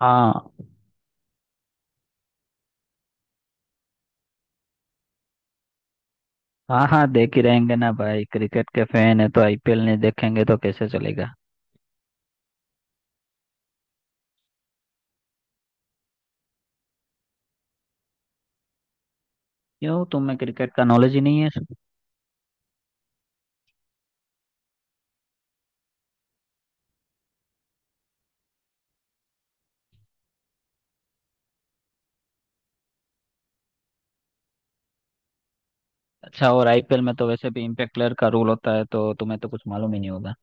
हाँ हाँ हाँ देख ही रहेंगे ना भाई। क्रिकेट के फैन है तो आईपीएल नहीं देखेंगे तो कैसे चलेगा। क्यों तुम्हें क्रिकेट का नॉलेज ही नहीं है? अच्छा, और आईपीएल में तो वैसे भी इम्पैक्ट प्लेयर का रूल होता है, तो तुम्हें तो कुछ मालूम ही नहीं होगा।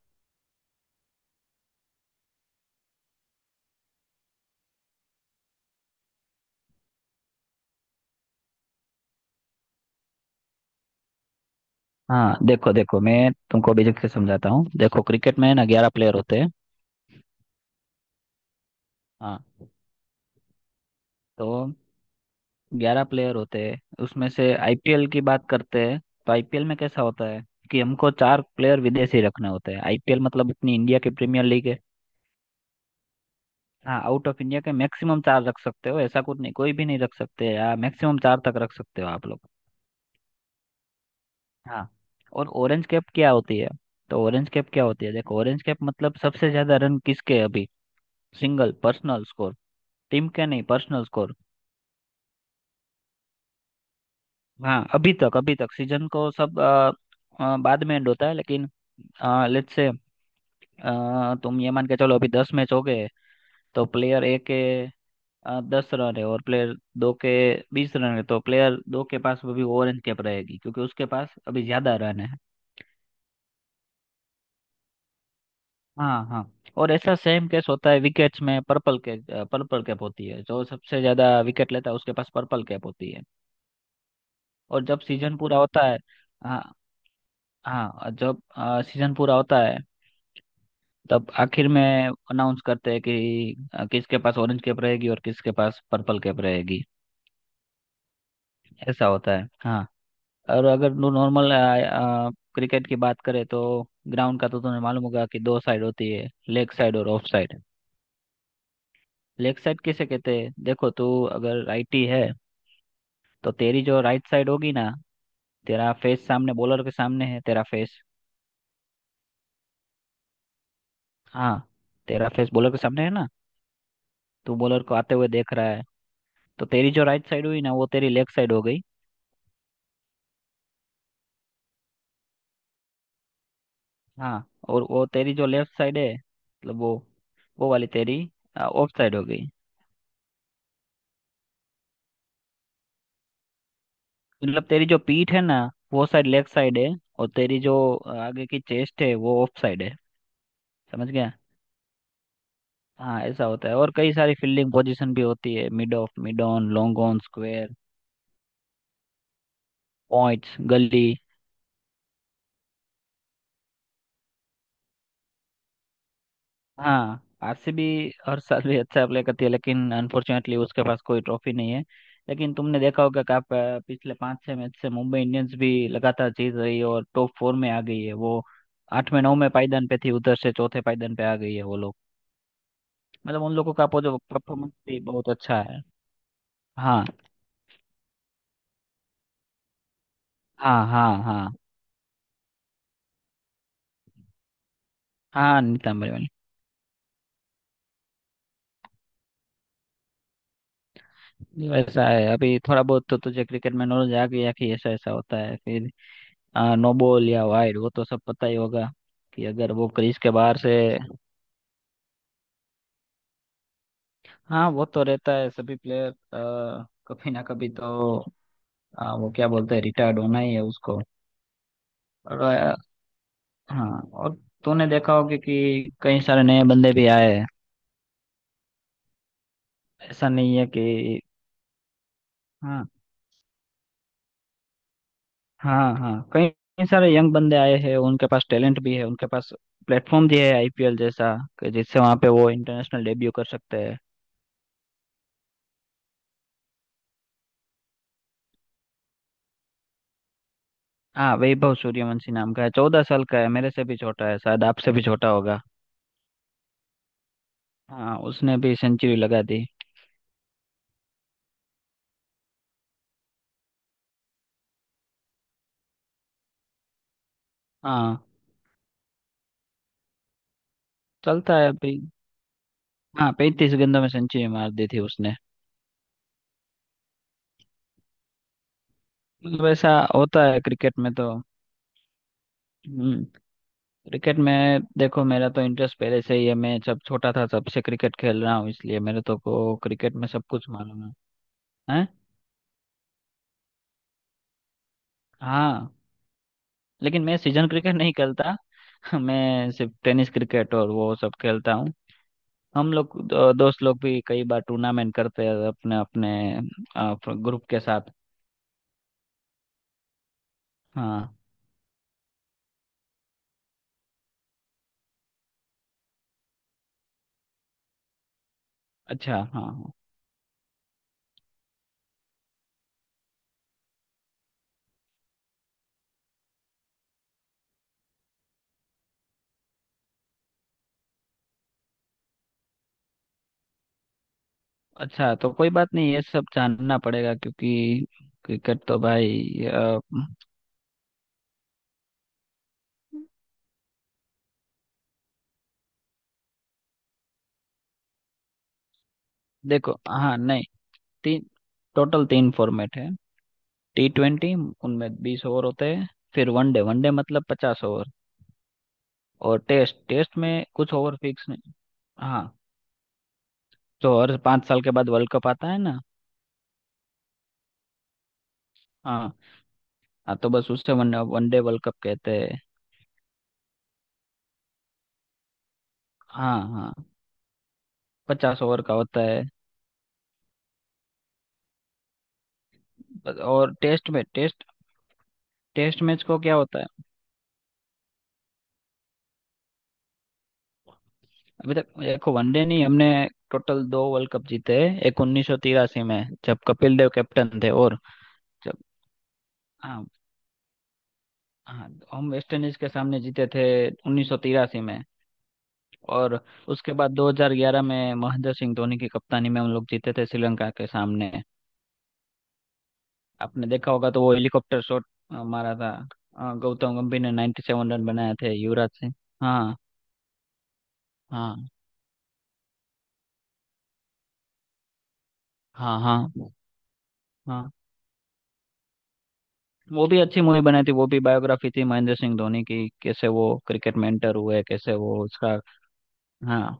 हाँ देखो, देखो मैं तुमको बेझिझक से समझाता हूँ। देखो क्रिकेट में ना 11 प्लेयर होते हैं। हाँ, तो 11 प्लेयर होते हैं, उसमें से आईपीएल की बात करते हैं तो आईपीएल में कैसा होता है कि हमको 4 प्लेयर विदेशी रखने होते हैं। आईपीएल मतलब अपनी इंडिया की प्रीमियर लीग है। हाँ, आउट ऑफ इंडिया के मैक्सिमम 4 रख सकते हो। ऐसा कुछ नहीं कोई भी नहीं रख सकते, या मैक्सिमम 4 तक रख सकते हो आप लोग। हाँ। और ऑरेंज कैप क्या होती है, तो ऑरेंज कैप क्या होती है, देखो ऑरेंज कैप मतलब सबसे ज्यादा रन किसके अभी, सिंगल पर्सनल स्कोर। टीम के नहीं, पर्सनल स्कोर। हाँ, अभी तक, अभी तक सीजन को सब बाद में एंड होता है लेकिन, लेट्स से, तुम ये मान के चलो अभी 10 मैच हो गए। तो प्लेयर ए के 10 रन है और प्लेयर दो के 20 रन है, तो प्लेयर दो के पास अभी ओरेंज कैप रहेगी क्योंकि उसके पास अभी ज्यादा रन है। हाँ हाँ और ऐसा सेम केस होता है विकेट्स में, पर्पल कैच, पर्पल कैप होती है। जो सबसे ज्यादा विकेट लेता है उसके पास पर्पल कैप होती है। और जब सीजन पूरा होता है, हाँ, हाँ और जब सीजन पूरा होता है तब आखिर में अनाउंस करते हैं कि किसके पास ऑरेंज कैप रहेगी और किसके पास पर्पल कैप रहेगी। ऐसा होता है, हाँ। और अगर नॉर्मल क्रिकेट की बात करें तो ग्राउंड का तो तुम्हें मालूम होगा कि दो साइड होती है, लेग साइड और ऑफ साइड। लेग साइड किसे कहते हैं, देखो तू अगर राइटी है तो तेरी जो राइट साइड होगी ना, तेरा फेस सामने बॉलर के सामने है, तेरा फेस, हाँ, तेरा फेस बॉलर के सामने है ना, तू बॉलर को आते हुए देख रहा है, तो तेरी जो राइट साइड हुई ना वो तेरी लेग साइड हो गई। हाँ, और वो तेरी जो लेफ्ट साइड है, मतलब वो वाली तेरी ऑफ साइड हो गई। मतलब तेरी जो पीठ है ना वो साइड लेफ्ट साइड है, और तेरी जो आगे की चेस्ट है वो ऑफ साइड है। समझ गया। हाँ ऐसा होता है। और कई सारी फील्डिंग पोजीशन भी होती है, mid of, mid on, long on, square, points, gully. हाँ, आरसीबी हर साल भी अच्छा प्ले करती है, लेकिन अनफॉर्चुनेटली उसके पास कोई ट्रॉफी नहीं है। लेकिन तुमने देखा होगा कि आप पिछले 5 6 मैच से मुंबई इंडियंस भी लगातार जीत रही है और टॉप फोर में आ गई है वो। आठवें नौवें पायदान पे थी, उधर से चौथे पायदान पे आ गई है वो लोग। मतलब उन लोगों का परफॉर्मेंस भी बहुत अच्छा है। हाँ। हाँ, हाँ नीतंबर वाली। ये वैसा है, अभी थोड़ा बहुत तो तुझे क्रिकेट में नॉलेज आ गया कि ऐसा ऐसा होता है फिर। नो बॉल या वाइड वो तो सब पता ही होगा कि अगर वो क्रीज के बाहर से, हाँ, वो तो रहता है सभी प्लेयर। कभी ना कभी तो वो क्या बोलते हैं, रिटायर्ड होना ही है उसको। और हाँ, और तूने देखा होगा कि कई सारे नए बंदे भी आए हैं। ऐसा नहीं है कि, हाँ, हाँ हाँ, कई कई सारे यंग बंदे आए हैं, उनके पास टैलेंट भी है, उनके पास प्लेटफॉर्म भी है आईपीएल जैसा, कि जिससे वहाँ पे वो इंटरनेशनल डेब्यू कर सकते हैं। हाँ वैभव सूर्यवंशी नाम का है, 14 साल का है, मेरे से भी छोटा है, शायद आपसे भी छोटा होगा। हाँ उसने भी सेंचुरी लगा दी। हाँ, चलता है अभी। हाँ 35 गेंदों में सेंचुरी मार दी थी उसने। मतलब ऐसा होता है क्रिकेट में तो। हम्म। क्रिकेट में देखो मेरा तो इंटरेस्ट पहले से ही है, मैं जब छोटा था तब से क्रिकेट खेल रहा हूँ, इसलिए मेरे तो को क्रिकेट में सब कुछ मालूम है। हैं? हाँ। लेकिन मैं सीजन क्रिकेट नहीं खेलता। मैं सिर्फ टेनिस क्रिकेट और वो सब खेलता हूँ। हम लोग दो, दोस्त लोग भी कई बार टूर्नामेंट करते हैं अपने अपने ग्रुप के साथ। हाँ। अच्छा, हाँ हाँ। अच्छा तो कोई बात नहीं, ये सब जानना पड़ेगा क्योंकि क्रिकेट तो भाई देखो, हाँ नहीं, तीन, टोटल तीन फॉर्मेट है। टी ट्वेंटी, उनमें 20 ओवर होते हैं। फिर वनडे, वनडे मतलब 50 ओवर। और टेस्ट, टेस्ट में कुछ ओवर फिक्स नहीं। हाँ तो हर 5 साल के बाद वर्ल्ड कप आता है ना। हाँ, हाँ तो बस उससे वन वनडे वर्ल्ड कप कहते हैं। हाँ हाँ, 50 ओवर का होता है। बस। और टेस्ट में, टेस्ट टेस्ट मैच को क्या होता है, अभी तक देखो वनडे नहीं हमने टोटल 2 वर्ल्ड कप जीते हैं। एक 1983 में जब कपिल देव कैप्टन थे, और जब, हाँ, हाँ हम वेस्ट इंडीज के सामने जीते थे 1983 में। और उसके बाद 2011 में महेंद्र सिंह धोनी की कप्तानी में हम लोग जीते थे श्रीलंका के सामने। आपने देखा होगा तो वो हेलीकॉप्टर शॉट मारा था। गौतम गंभीर ने 97 रन बनाए थे, युवराज सिंह, हाँ हाँ हाँ हाँ हाँ वो भी अच्छी मूवी बनाई थी, वो भी बायोग्राफी थी महेंद्र सिंह धोनी की, कैसे वो क्रिकेट में enter हुए, कैसे वो उसका। हाँ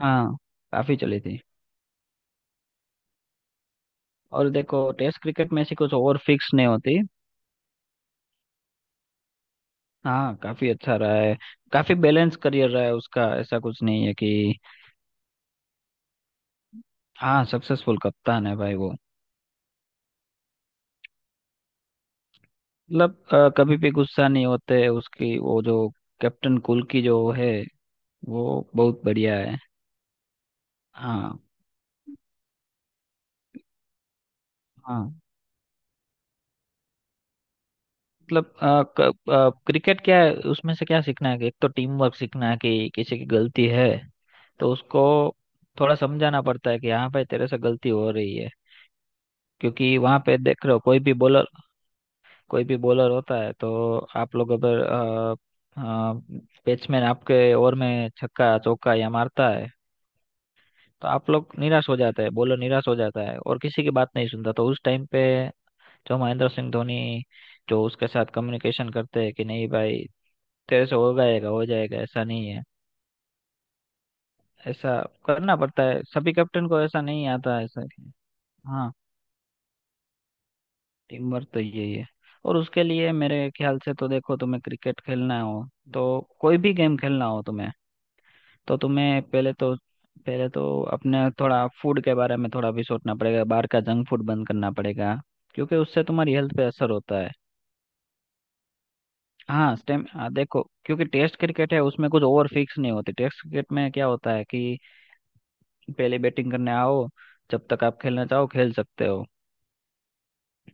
हाँ, काफी चली थी। और देखो टेस्ट क्रिकेट में ऐसी कुछ और फिक्स नहीं होती। हाँ काफी अच्छा रहा है, काफी बैलेंस करियर रहा है उसका, ऐसा कुछ नहीं है कि। हाँ, सक्सेसफुल कप्तान है भाई वो। मतलब कभी भी गुस्सा नहीं होते, उसकी वो जो कैप्टन कूल की जो है, वो बहुत बढ़िया है। हाँ। हाँ मतलब अ, क- क्रिकेट क्या है, उसमें से क्या सीखना है कि एक तो टीम वर्क सीखना है कि किसी की गलती है तो उसको थोड़ा समझाना पड़ता है कि हाँ भाई तेरे से गलती हो रही है। क्योंकि वहां पे देख रहे हो, कोई भी बॉलर होता है तो आप लोग अगर, बैट्समैन आपके ओवर में छक्का चौका या मारता है तो आप लोग निराश हो जाते हैं, बोलो निराश हो जाता है, और किसी की बात नहीं सुनता, तो उस टाइम पे जो महेंद्र सिंह धोनी जो उसके साथ कम्युनिकेशन करते हैं कि नहीं भाई तेरे से हो जाएगा, हो जाएगा, ऐसा नहीं है। ऐसा करना पड़ता है सभी कैप्टन को, ऐसा नहीं आता है ऐसा। हाँ, टीम वर्क तो यही है। और उसके लिए मेरे ख्याल से तो देखो, तुम्हें क्रिकेट खेलना हो तो कोई भी गेम खेलना हो तुम्हें, तो तुम्हें पहले तो, पहले तो अपने थोड़ा फूड के बारे में थोड़ा भी सोचना पड़ेगा, बाहर का जंक फूड बंद करना पड़ेगा, क्योंकि उससे तुम्हारी हेल्थ पे असर होता है। हाँ, देखो क्योंकि टेस्ट क्रिकेट है उसमें कुछ ओवर फिक्स नहीं होती, टेस्ट क्रिकेट में क्या होता है कि पहले बैटिंग करने आओ, जब तक आप खेलना चाहो खेल सकते हो।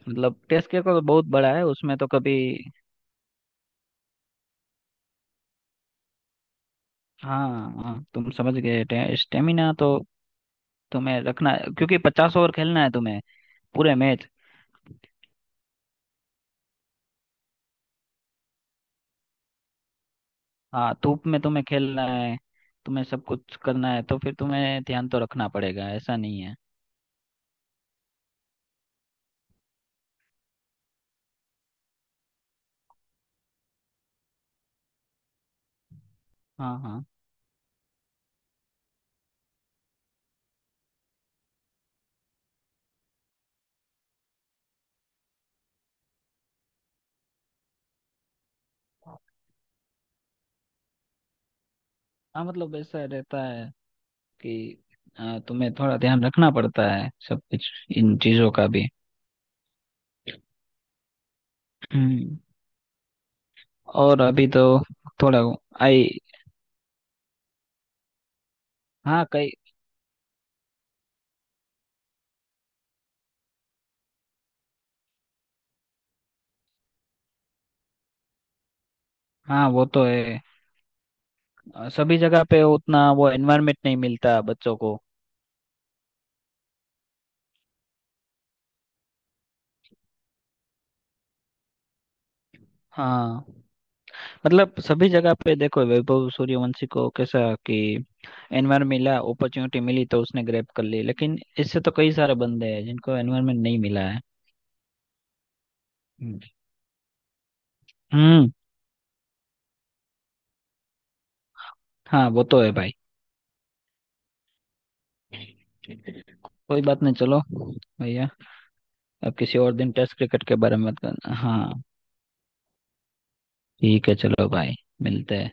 मतलब टेस्ट क्रिकेट तो बहुत बड़ा है, उसमें तो कभी, हाँ। हाँ तुम समझ गए, स्टेमिना तो तुम्हें रखना, क्योंकि 50 ओवर खेलना है तुम्हें पूरे मैच। हाँ, धूप में तुम्हें खेलना है, तुम्हें सब कुछ करना है, तो फिर तुम्हें ध्यान तो रखना पड़ेगा ऐसा नहीं है। हाँ हाँ हाँ मतलब ऐसा रहता है कि तुम्हें थोड़ा ध्यान रखना पड़ता है सब कुछ इन चीजों का भी। हम्म। और अभी तो थोड़ा आई, हाँ कई, हाँ वो तो है। सभी जगह पे उतना वो एनवायरमेंट नहीं मिलता बच्चों को। हाँ, मतलब सभी जगह पे देखो वैभव सूर्यवंशी को कैसा कि एनवायरमेंट मिला, अपॉर्चुनिटी मिली तो उसने ग्रैब कर ली, लेकिन इससे तो कई सारे बंदे हैं जिनको एनवायरमेंट नहीं मिला है। हम्म, हम्म। हाँ वो तो है भाई। कोई बात नहीं, चलो भैया, अब किसी और दिन टेस्ट क्रिकेट के बारे में बात करना हाँ। ठीक है चलो भाई, मिलते हैं।